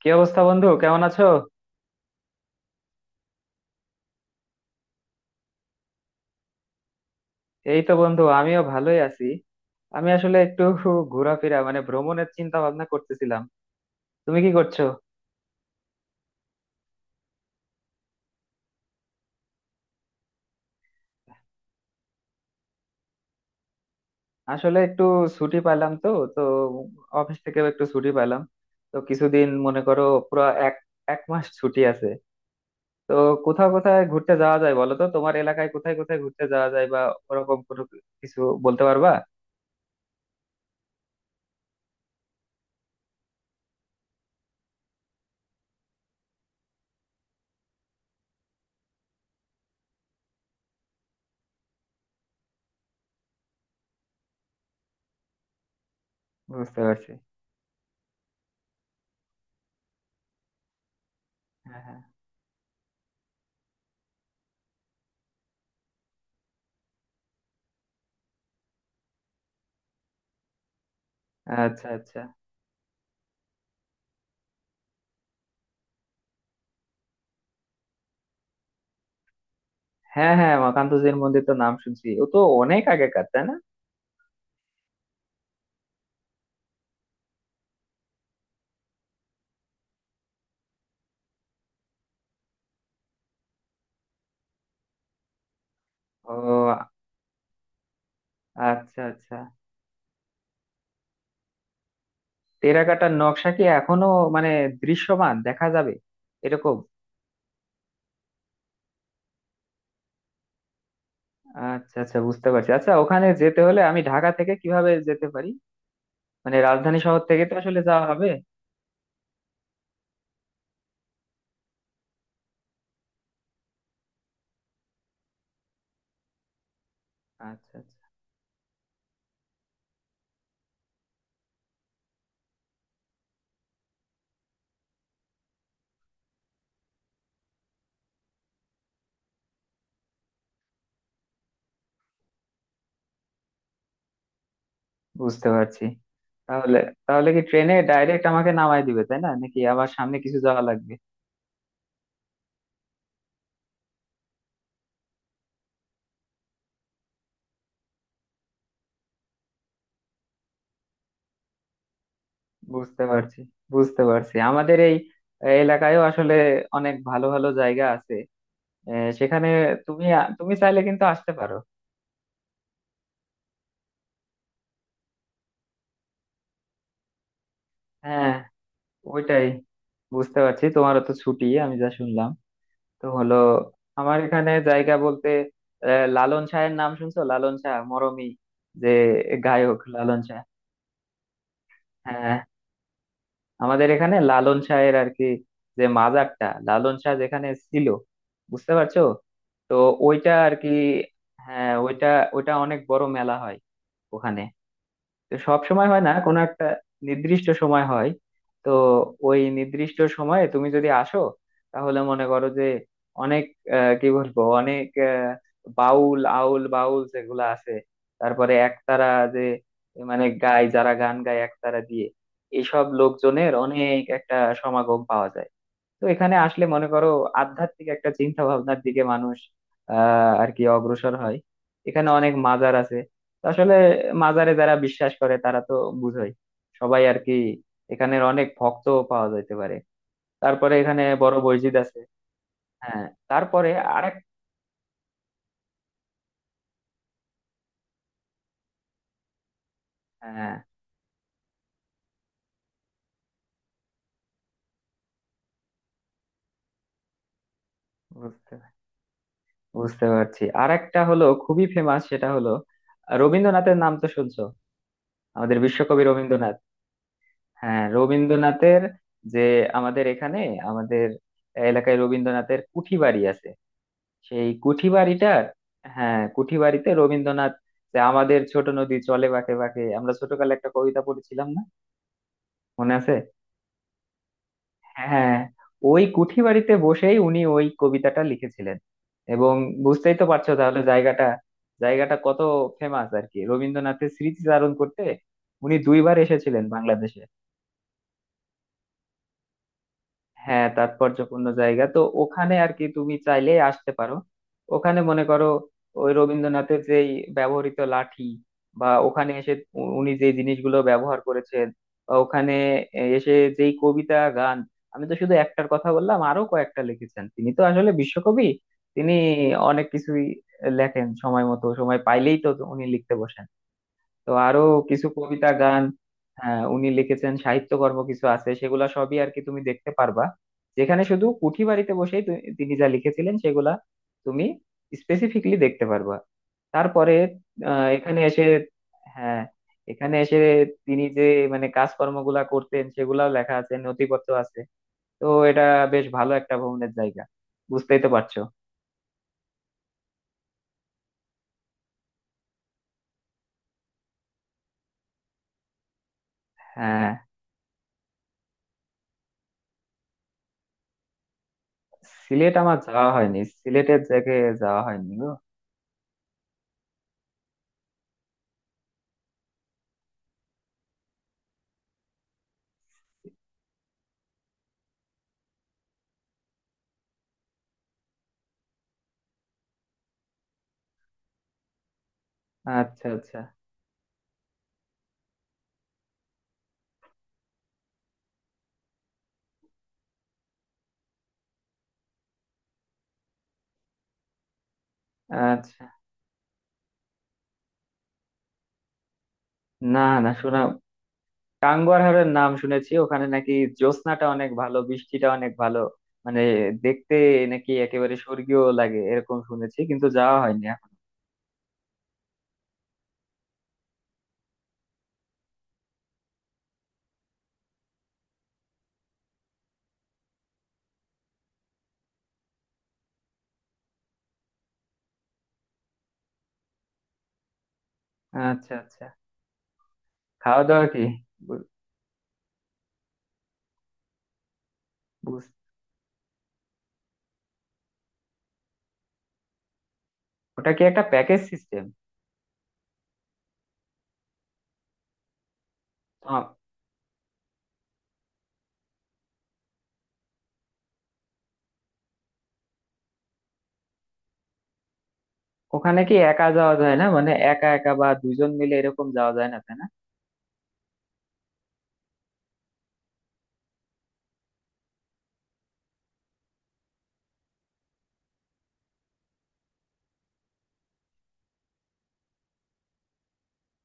কি অবস্থা, বন্ধু? কেমন আছো? এই তো বন্ধু, আমিও ভালোই আছি। আমি আসলে একটু ঘোরাফেরা মানে ভ্রমণের চিন্তা ভাবনা করতেছিলাম। তুমি কি করছো? আসলে একটু ছুটি পাইলাম তো। তো অফিস থেকে একটু ছুটি পাইলাম। তো কিছুদিন মনে করো, পুরো এক এক মাস ছুটি আছে। তো কোথাও কোথায় ঘুরতে যাওয়া যায় বলো তো, তোমার এলাকায় কোথায় কোথায় ঘুরতে যাওয়া যায়, বা ওরকম কোনো কিছু বলতে পারবা? বুঝতে পারছি। হ্যাঁ হ্যাঁ। আচ্ছা আচ্ছা। হ্যাঁ হ্যাঁ, মাকান্তজির মন্দির তো নাম শুনছি, ও তো অনেক আগেকার, তাই না? ও, আচ্ছা আচ্ছা। টেরাকোটার নকশা কি এখনো মানে দৃশ্যমান দেখা যাবে এরকম? আচ্ছা আচ্ছা, বুঝতে পারছি। আচ্ছা, ওখানে যেতে হলে আমি ঢাকা থেকে কিভাবে যেতে পারি? মানে রাজধানী শহর থেকে তো আসলে যাওয়া হবে। আচ্ছা আচ্ছা। বুঝতে পারছি। তাহলে, তাহলে কি ট্রেনে ডাইরেক্ট আমাকে নামায় দিবে, তাই না, নাকি আবার সামনে কিছু যাওয়া লাগবে? বুঝতে পারছি। বুঝতে পারছি, আমাদের এই এলাকায়ও আসলে অনেক ভালো ভালো জায়গা আছে। সেখানে তুমি, তুমি চাইলে কিন্তু আসতে পারো। হ্যাঁ, ওইটাই। বুঝতে পারছি তোমারও তো ছুটি, আমি যা শুনলাম। তো হলো, আমার এখানে জায়গা বলতে, লালন শাহের নাম শুনছো? লালন শাহ মরমী যে গায়ক, লালন শাহ। হ্যাঁ, আমাদের এখানে লালন শাহের আর কি, যে মাজারটা, লালন শাহ যেখানে ছিল, বুঝতে পারছো? তো ওইটা আর কি। হ্যাঁ, ওইটা, ওইটা অনেক বড় মেলা হয় ওখানে। তো সব সময় হয় না, কোনো একটা নির্দিষ্ট সময় হয়। তো ওই নির্দিষ্ট সময়ে তুমি যদি আসো, তাহলে মনে করো যে অনেক, কি বলবো, অনেক বাউল আউল বাউল যেগুলো আছে, তারপরে একতারা যে, মানে গায় যারা, গান গায় একতারা দিয়ে, এইসব লোকজনের অনেক একটা সমাগম পাওয়া যায়। তো এখানে আসলে মনে করো, আধ্যাত্মিক একটা চিন্তা ভাবনার দিকে মানুষ আর কি অগ্রসর হয়। এখানে অনেক মাজার আছে। তো আসলে মাজারে যারা বিশ্বাস করে তারা তো বুঝোই, সবাই আর কি এখানের অনেক ভক্ত পাওয়া যাইতে পারে। তারপরে এখানে বড় মসজিদ আছে। হ্যাঁ, তারপরে আরেক। হ্যাঁ, বুঝতে বুঝতে পারছি আরেকটা হলো খুবই ফেমাস, সেটা হলো, রবীন্দ্রনাথের নাম তো শুনছো? আমাদের বিশ্বকবি রবীন্দ্রনাথ। হ্যাঁ, রবীন্দ্রনাথের যে, আমাদের এখানে, আমাদের এলাকায় রবীন্দ্রনাথের কুঠি বাড়ি আছে। সেই কুঠি বাড়িটার, হ্যাঁ কুঠি বাড়িতে রবীন্দ্রনাথ, যে আমাদের ছোট নদী চলে বাঁকে বাঁকে, আমরা ছোটকালে একটা কবিতা পড়েছিলাম না, মনে আছে? হ্যাঁ, ওই কুঠি বাড়িতে বসেই উনি ওই কবিতাটা লিখেছিলেন। এবং বুঝতেই তো পারছো তাহলে জায়গাটা, জায়গাটা কত ফেমাস আর কি, রবীন্দ্রনাথের স্মৃতিচারণ করতে। উনি 2বার এসেছিলেন বাংলাদেশে। হ্যাঁ তাৎপর্যপূর্ণ জায়গা তো ওখানে আর কি, তুমি চাইলে আসতে পারো। ওখানে মনে করো, ওই রবীন্দ্রনাথের যেই ব্যবহৃত লাঠি বা ওখানে এসে উনি যে জিনিসগুলো ব্যবহার করেছেন, বা ওখানে এসে যেই কবিতা গান, আমি তো শুধু একটার কথা বললাম, আরো কয়েকটা লিখেছেন, তিনি তো আসলে বিশ্বকবি। তিনি অনেক কিছুই লেখেন, সময় মতো, সময় পাইলেই তো উনি লিখতে বসেন। তো আরো কিছু কবিতা গান, হ্যাঁ উনি লিখেছেন, সাহিত্যকর্ম কিছু আছে, সেগুলা সবই আর কি তুমি দেখতে পারবা। যেখানে শুধু কুঠি বাড়িতে বসেই তিনি যা লিখেছিলেন, সেগুলা তুমি স্পেসিফিকলি দেখতে পারবা। তারপরে, এখানে এসে, হ্যাঁ, এখানে এসে তিনি যে মানে কাজকর্মগুলা করতেন, সেগুলাও লেখা আছে, নথিপত্র আছে। তো এটা বেশ ভালো একটা ভ্রমণের জায়গা, বুঝতেই তো পারছো। হ্যাঁ। সিলেট আমার যাওয়া হয়নি, সিলেটের জায়গায় যাওয়া হয়নি গো। আচ্ছা আচ্ছা আচ্ছা। না, না শোনা, টাঙ্গুয়ার হাড়ের নাম শুনেছি, ওখানে নাকি জ্যোৎস্নাটা অনেক ভালো, বৃষ্টিটা অনেক ভালো, মানে দেখতে নাকি একেবারে স্বর্গীয় লাগে, এরকম শুনেছি, কিন্তু যাওয়া হয়নি এখন। আচ্ছা আচ্ছা। খাওয়া দাওয়া কি? বু- বুঝ- ওটা কি একটা প্যাকেজ সিস্টেম? ওখানে কি একা যাওয়া যায় না, মানে একা একা বা দুজন মিলে এরকম, যাওয়া যায় না তাই না?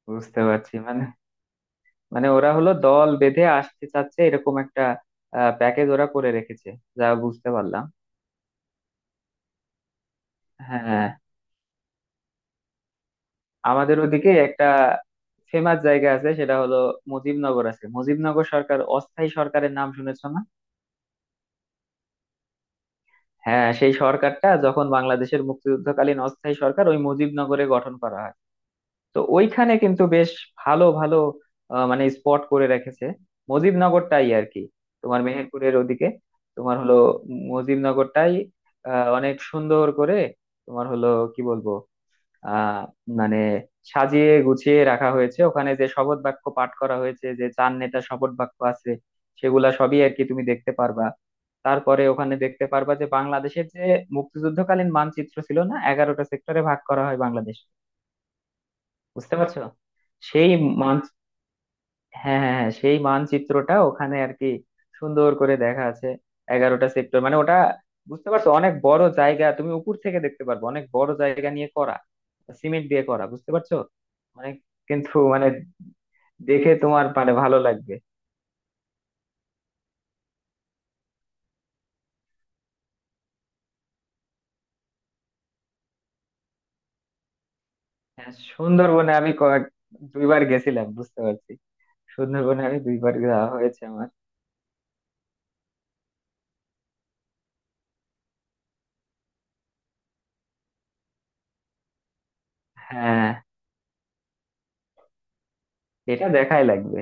বুঝতে পারছি, মানে মানে ওরা হলো দল বেঁধে আসতে চাচ্ছে এরকম একটা প্যাকেজ ওরা করে রেখেছে, যা বুঝতে পারলাম। হ্যাঁ, আমাদের ওদিকে একটা ফেমাস জায়গা আছে, সেটা হলো মুজিবনগর আছে, মুজিবনগর সরকার, অস্থায়ী সরকারের নাম শুনেছো না? হ্যাঁ সেই সরকারটা যখন বাংলাদেশের মুক্তিযুদ্ধকালীন অস্থায়ী সরকার ওই মুজিবনগরে গঠন করা হয়। তো ওইখানে কিন্তু বেশ ভালো ভালো মানে স্পট করে রেখেছে, মুজিবনগরটাই আর কি, তোমার মেহেরপুরের ওদিকে। তোমার হলো মুজিবনগরটাই অনেক সুন্দর করে, তোমার হলো, কি বলবো, আহ মানে সাজিয়ে গুছিয়ে রাখা হয়েছে। ওখানে যে শপথ বাক্য পাঠ করা হয়েছে, যে চার নেতা শপথ বাক্য আছে, সেগুলা সবই আর কি তুমি দেখতে পারবা। তারপরে ওখানে দেখতে পারবা যে, বাংলাদেশের যে মুক্তিযুদ্ধকালীন মানচিত্র ছিল না, 11টা সেক্টরে ভাগ করা হয় বাংলাদেশ, বুঝতে পারছো? সেই, হ্যাঁ হ্যাঁ হ্যাঁ, সেই মানচিত্রটা ওখানে আর কি সুন্দর করে দেখা আছে, 11টা সেক্টর মানে, ওটা বুঝতে পারছো অনেক বড় জায়গা, তুমি উপর থেকে দেখতে পারবে, অনেক বড় জায়গা নিয়ে করা, সিমেন্ট দিয়ে করা, বুঝতে পারছো? মানে কিন্তু মানে দেখে তোমার মানে ভালো লাগবে। হ্যাঁ সুন্দরবনে আমি 2বার গেছিলাম, বুঝতে পারছি, সুন্দরবনে আমি 2বার যাওয়া হয়েছে আমার। হ্যাঁ এটা দেখাই লাগবে।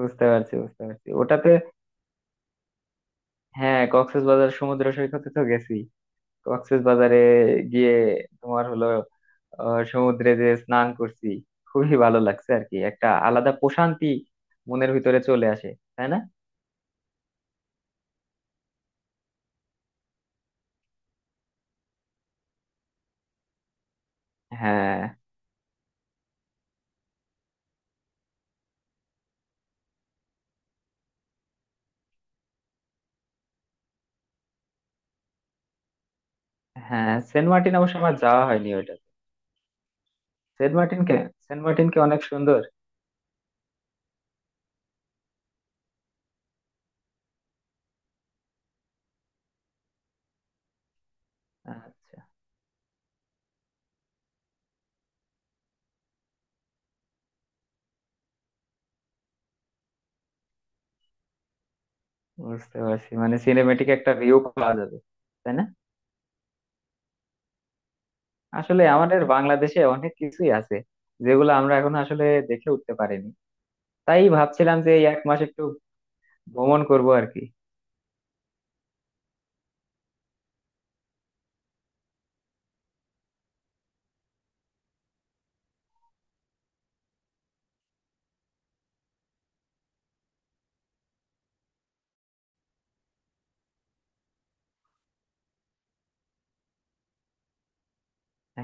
বুঝতে পারছি, বুঝতে পারছি ওটাতে। হ্যাঁ কক্সবাজার সমুদ্র সৈকতে তো গেছি। কক্সবাজারে গিয়ে তোমার হলো, সমুদ্রে যে স্নান করছি, খুবই ভালো লাগছে আর কি, একটা আলাদা প্রশান্তি মনের ভিতরে চলে আসে, তাই না? হ্যাঁ হ্যাঁ। সেন্ট মার্টিন অবশ্য আমার যাওয়া হয়নি ওটা। সেন্ট মার্টিন কে, সেন্ট মার্টিন কে অনেক সুন্দর। আচ্ছা, বুঝতে পারছি মানে সিনেমেটিক একটা ভিউ পাওয়া যাবে, তাই না? আসলে আমাদের বাংলাদেশে অনেক কিছুই আছে, যেগুলো আমরা এখন আসলে দেখে উঠতে পারিনি, তাই ভাবছিলাম যে এই এক মাস একটু ভ্রমণ করবো আর কি।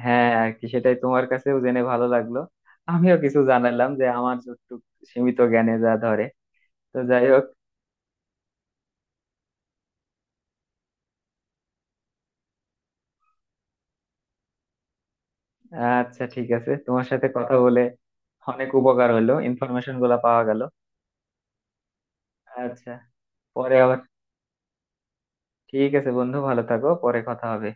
হ্যাঁ আর কি, সেটাই তোমার কাছেও জেনে ভালো লাগলো, আমিও কিছু জানালাম যে আমার যতটুকু সীমিত জ্ঞানে যা ধরে। তো যাই হোক, আচ্ছা ঠিক আছে, তোমার সাথে কথা বলে অনেক উপকার হলো, ইনফরমেশন গুলা পাওয়া গেল। আচ্ছা। পরে আবার, ঠিক আছে বন্ধু, ভালো থাকো, পরে কথা হবে।